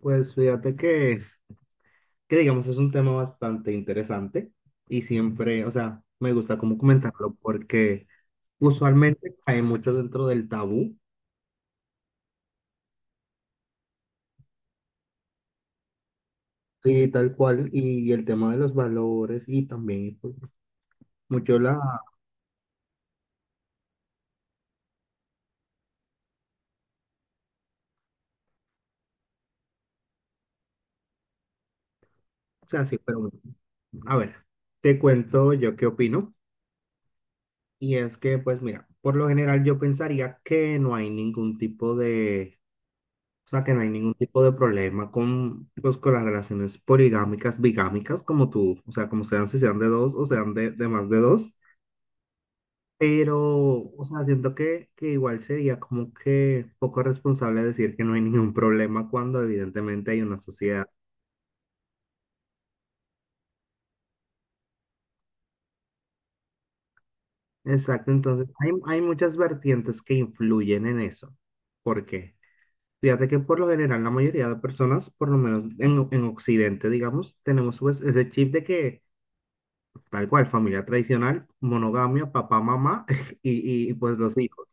Pues fíjate que digamos es un tema bastante interesante y siempre, o sea, me gusta como comentarlo porque usualmente cae mucho dentro del tabú y tal cual y el tema de los valores y también pues, mucho la, o sea, sí, pero bueno. A ver, te cuento yo qué opino y es que pues mira, por lo general yo pensaría que no hay ningún tipo. O sea, que no hay ningún tipo de problema con, pues, con las relaciones poligámicas, bigámicas, como tú, o sea, como sean, si sean de dos o sean de más de dos. Pero, o sea, siento que igual sería como que poco responsable decir que no hay ningún problema cuando evidentemente hay una sociedad. Exacto, entonces hay muchas vertientes que influyen en eso. ¿Por qué? Fíjate que por lo general la mayoría de personas, por lo menos en Occidente, digamos, tenemos pues ese chip de que tal cual, familia tradicional, monogamia, papá, mamá pues los hijos.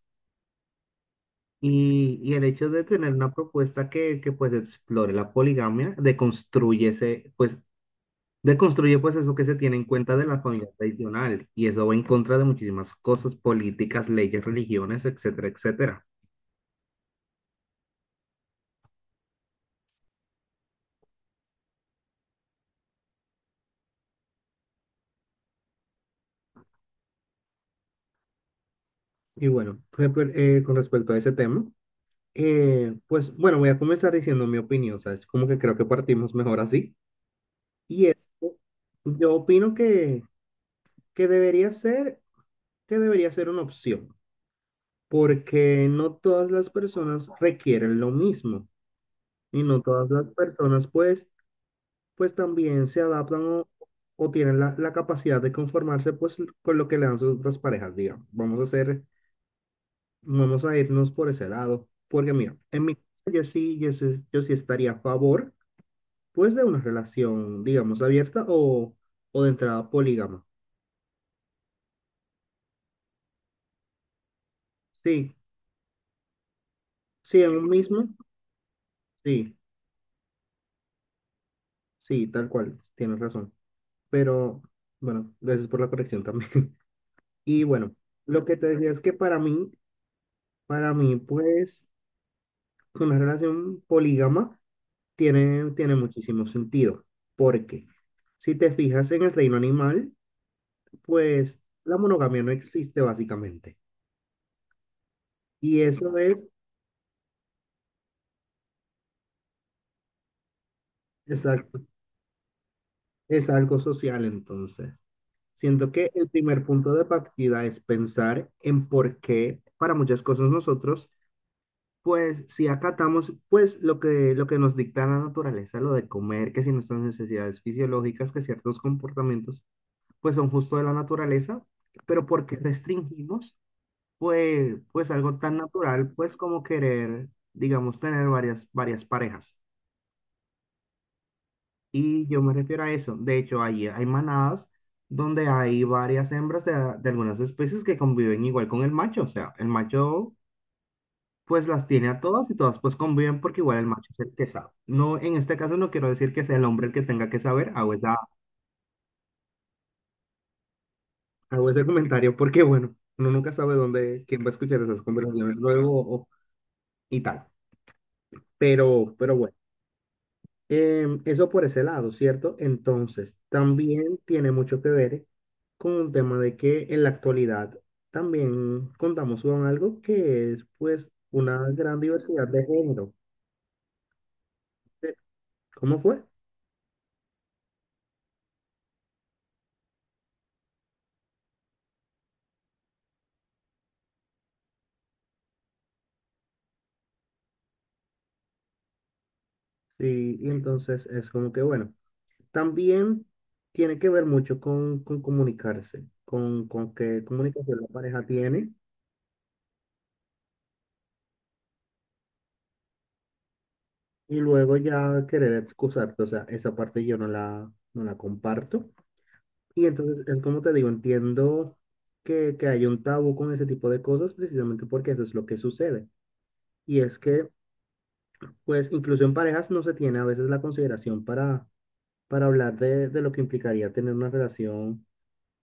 Y el hecho de tener una propuesta que pues explore la poligamia, deconstruye ese, pues deconstruye pues eso que se tiene en cuenta de la familia tradicional y eso va en contra de muchísimas cosas, políticas, leyes, religiones, etcétera, etcétera. Y bueno, por ejemplo, con respecto a ese tema, pues bueno, voy a comenzar diciendo mi opinión, o sea, es como que creo que partimos mejor así. Y es, yo opino que debería ser, que debería ser una opción, porque no todas las personas requieren lo mismo y no todas las personas pues, pues también se adaptan o tienen la, la capacidad de conformarse pues con lo que le dan sus otras parejas, digamos. Vamos a hacer, vamos a irnos por ese lado, porque mira, en mi caso yo sí estaría a favor pues de una relación, digamos, abierta o de entrada polígama. Sí, sí, en un mismo, sí, sí, tal cual, tienes razón. Pero bueno, gracias por la corrección también. Y bueno, lo que te decía es que para mí, pues, una relación polígama tiene muchísimo sentido. Porque si te fijas en el reino animal, pues la monogamia no existe básicamente. Y eso es algo, es algo social entonces. Siento que el primer punto de partida es pensar en por qué para muchas cosas nosotros. Pues si acatamos, pues lo que nos dicta la naturaleza, lo de comer, que si nuestras necesidades fisiológicas, que ciertos comportamientos, pues son justo de la naturaleza, pero porque restringimos, pues, pues algo tan natural, pues como querer, digamos, tener varias, varias parejas. Y yo me refiero a eso. De hecho, ahí hay manadas donde hay varias hembras de algunas especies que conviven igual con el macho. O sea, el macho pues las tiene a todas y todas pues conviven porque igual el macho es el que sabe. No, en este caso no quiero decir que sea el hombre el que tenga que saber, hago esa, hago ese comentario porque bueno, uno nunca sabe dónde, quién va a escuchar esas conversaciones luego o- y tal. Pero bueno, eso por ese lado, ¿cierto? Entonces, también tiene mucho que ver con un tema de que en la actualidad también contamos con algo que es pues una gran diversidad de género. ¿Cómo fue? Sí, y entonces es como que bueno. También tiene que ver mucho con comunicarse, con qué comunicación la pareja tiene y luego ya querer excusarte. O sea, esa parte yo no la, no la comparto. Y entonces es como te digo, entiendo que hay un tabú con ese tipo de cosas precisamente porque eso es lo que sucede. Y es que, pues, incluso en parejas no se tiene a veces la consideración para hablar de lo que implicaría tener una relación.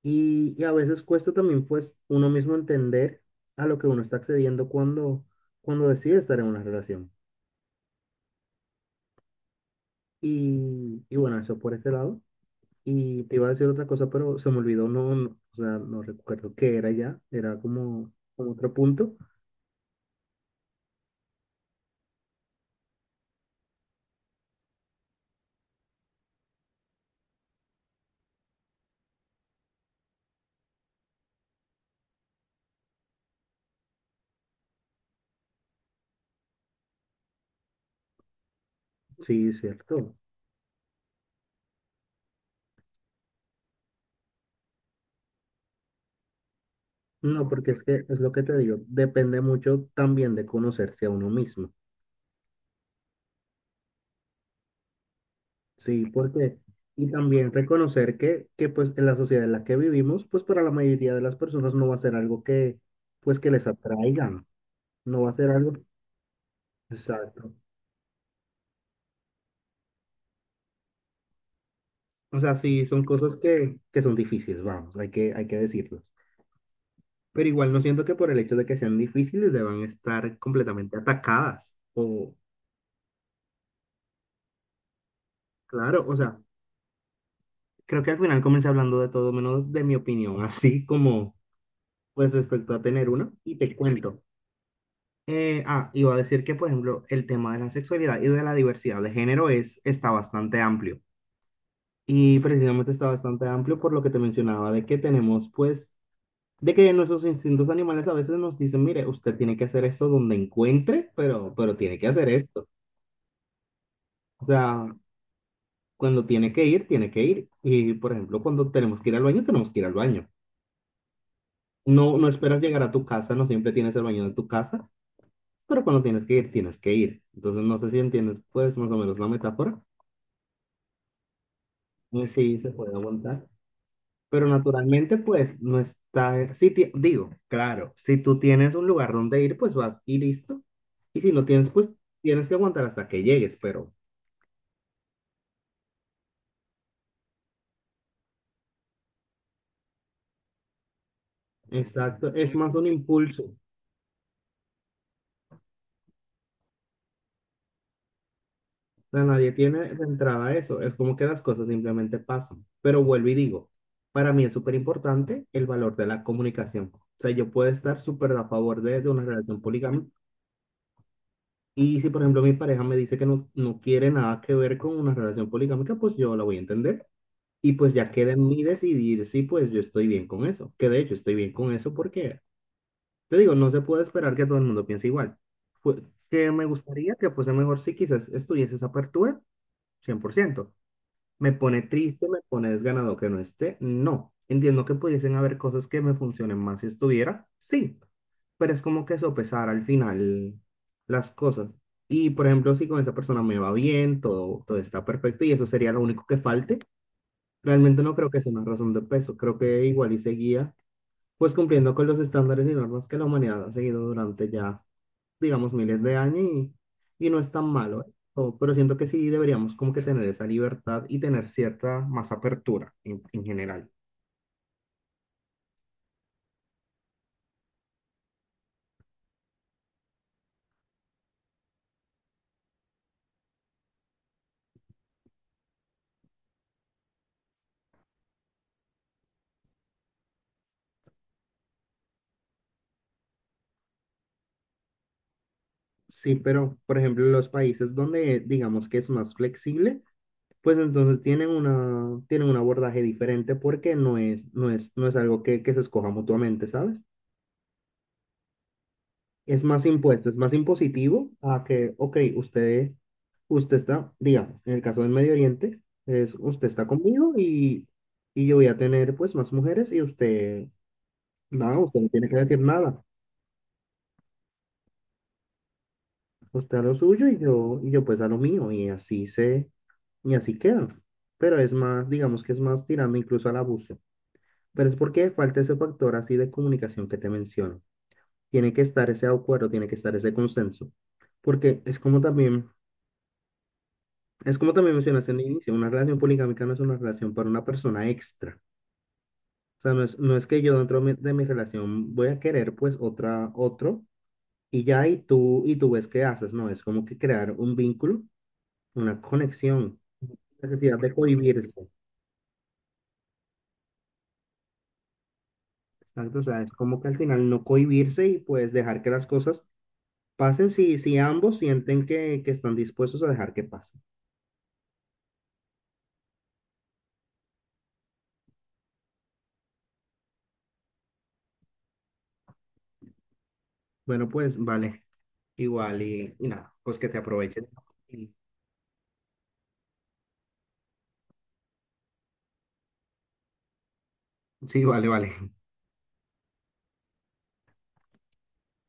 Y a veces cuesta también pues uno mismo entender a lo que uno está accediendo cuando, cuando decide estar en una relación. Y bueno, eso por ese lado. Y te iba a decir otra cosa, pero se me olvidó, no, no, o sea, no recuerdo qué era ya, era como, como otro punto. Sí, cierto. No, porque es que es lo que te digo, depende mucho también de conocerse a uno mismo. Sí, porque, y también reconocer que pues en la sociedad en la que vivimos, pues para la mayoría de las personas no va a ser algo que, pues que les atraigan, no, no va a ser algo, exacto. O sea, sí, son cosas que son difíciles, vamos, hay que decirlo. Pero igual no siento que por el hecho de que sean difíciles deban estar completamente atacadas. O, claro, o sea, creo que al final comencé hablando de todo menos de mi opinión, así como, pues respecto a tener una, y te cuento. Iba a decir que, por ejemplo, el tema de la sexualidad y de la diversidad de género es, está bastante amplio. Y precisamente está bastante amplio por lo que te mencionaba, de que tenemos, pues, de que nuestros instintos animales a veces nos dicen, mire, usted tiene que hacer esto donde encuentre, pero tiene que hacer esto. O sea, cuando tiene que ir, tiene que ir. Y, por ejemplo, cuando tenemos que ir al baño, tenemos que ir al baño. No, no esperas llegar a tu casa, no siempre tienes el baño en tu casa, pero cuando tienes que ir, tienes que ir. Entonces, no sé si entiendes, pues, más o menos la metáfora. Y sí, se puede aguantar. Pero naturalmente, pues, no está, si ti- digo, claro, si tú tienes un lugar donde ir, pues vas y listo. Y si no tienes, pues tienes que aguantar hasta que llegues, pero exacto, es más un impulso. O sea, nadie tiene de entrada eso, es como que las cosas simplemente pasan. Pero vuelvo y digo, para mí es súper importante el valor de la comunicación. O sea, yo puedo estar súper a favor de una relación poligámica. Y si, por ejemplo, mi pareja me dice que no, no quiere nada que ver con una relación poligámica, pues yo la voy a entender. Y pues ya queda en mí decidir si pues yo estoy bien con eso. Que de hecho estoy bien con eso porque, te digo, no se puede esperar que todo el mundo piense igual. Fue- que me gustaría que fuese mejor si quizás estuviese esa apertura, 100% me pone triste, me pone desganado que no esté. No, entiendo que pudiesen haber cosas que me funcionen más si estuviera, sí, pero es como que sopesar al final las cosas. Y por ejemplo, si con esa persona me va bien, todo, todo está perfecto y eso sería lo único que falte, realmente no creo que sea una razón de peso, creo que igual y seguía pues cumpliendo con los estándares y normas que la humanidad ha seguido durante ya digamos, miles de años y no es tan malo, ¿eh? O- pero siento que sí deberíamos como que tener esa libertad y tener cierta más apertura en general. Sí, pero por ejemplo, los países donde digamos que es más flexible, pues entonces tienen una, tienen un abordaje diferente porque no es, no es, no es algo que se escoja mutuamente, ¿sabes? Es más impuesto, es más impositivo a que, ok, usted, usted está, digamos, en el caso del Medio Oriente, es usted está conmigo y yo voy a tener pues más mujeres y usted, nada, usted no tiene que decir nada, usted a lo suyo y yo pues a lo mío y así se, y así quedan. Pero es más, digamos que es más tirando incluso al abuso. Pero es porque falta ese factor así de comunicación que te menciono. Tiene que estar ese acuerdo, tiene que estar ese consenso. Porque es como también. Es como también mencionaste en el inicio, una relación poligámica no es una relación para una persona extra. O sea, no es, no es que yo dentro de mi relación voy a querer pues otra, otro y ya y tú ves qué haces, no, es como que crear un vínculo, una conexión, necesidad de cohibirse. Exacto, o sea, es como que al final no cohibirse y pues dejar que las cosas pasen si, si ambos sienten que están dispuestos a dejar que pasen. Bueno, pues vale, igual y nada, pues que te aprovechen. Y- Sí, vale, vale.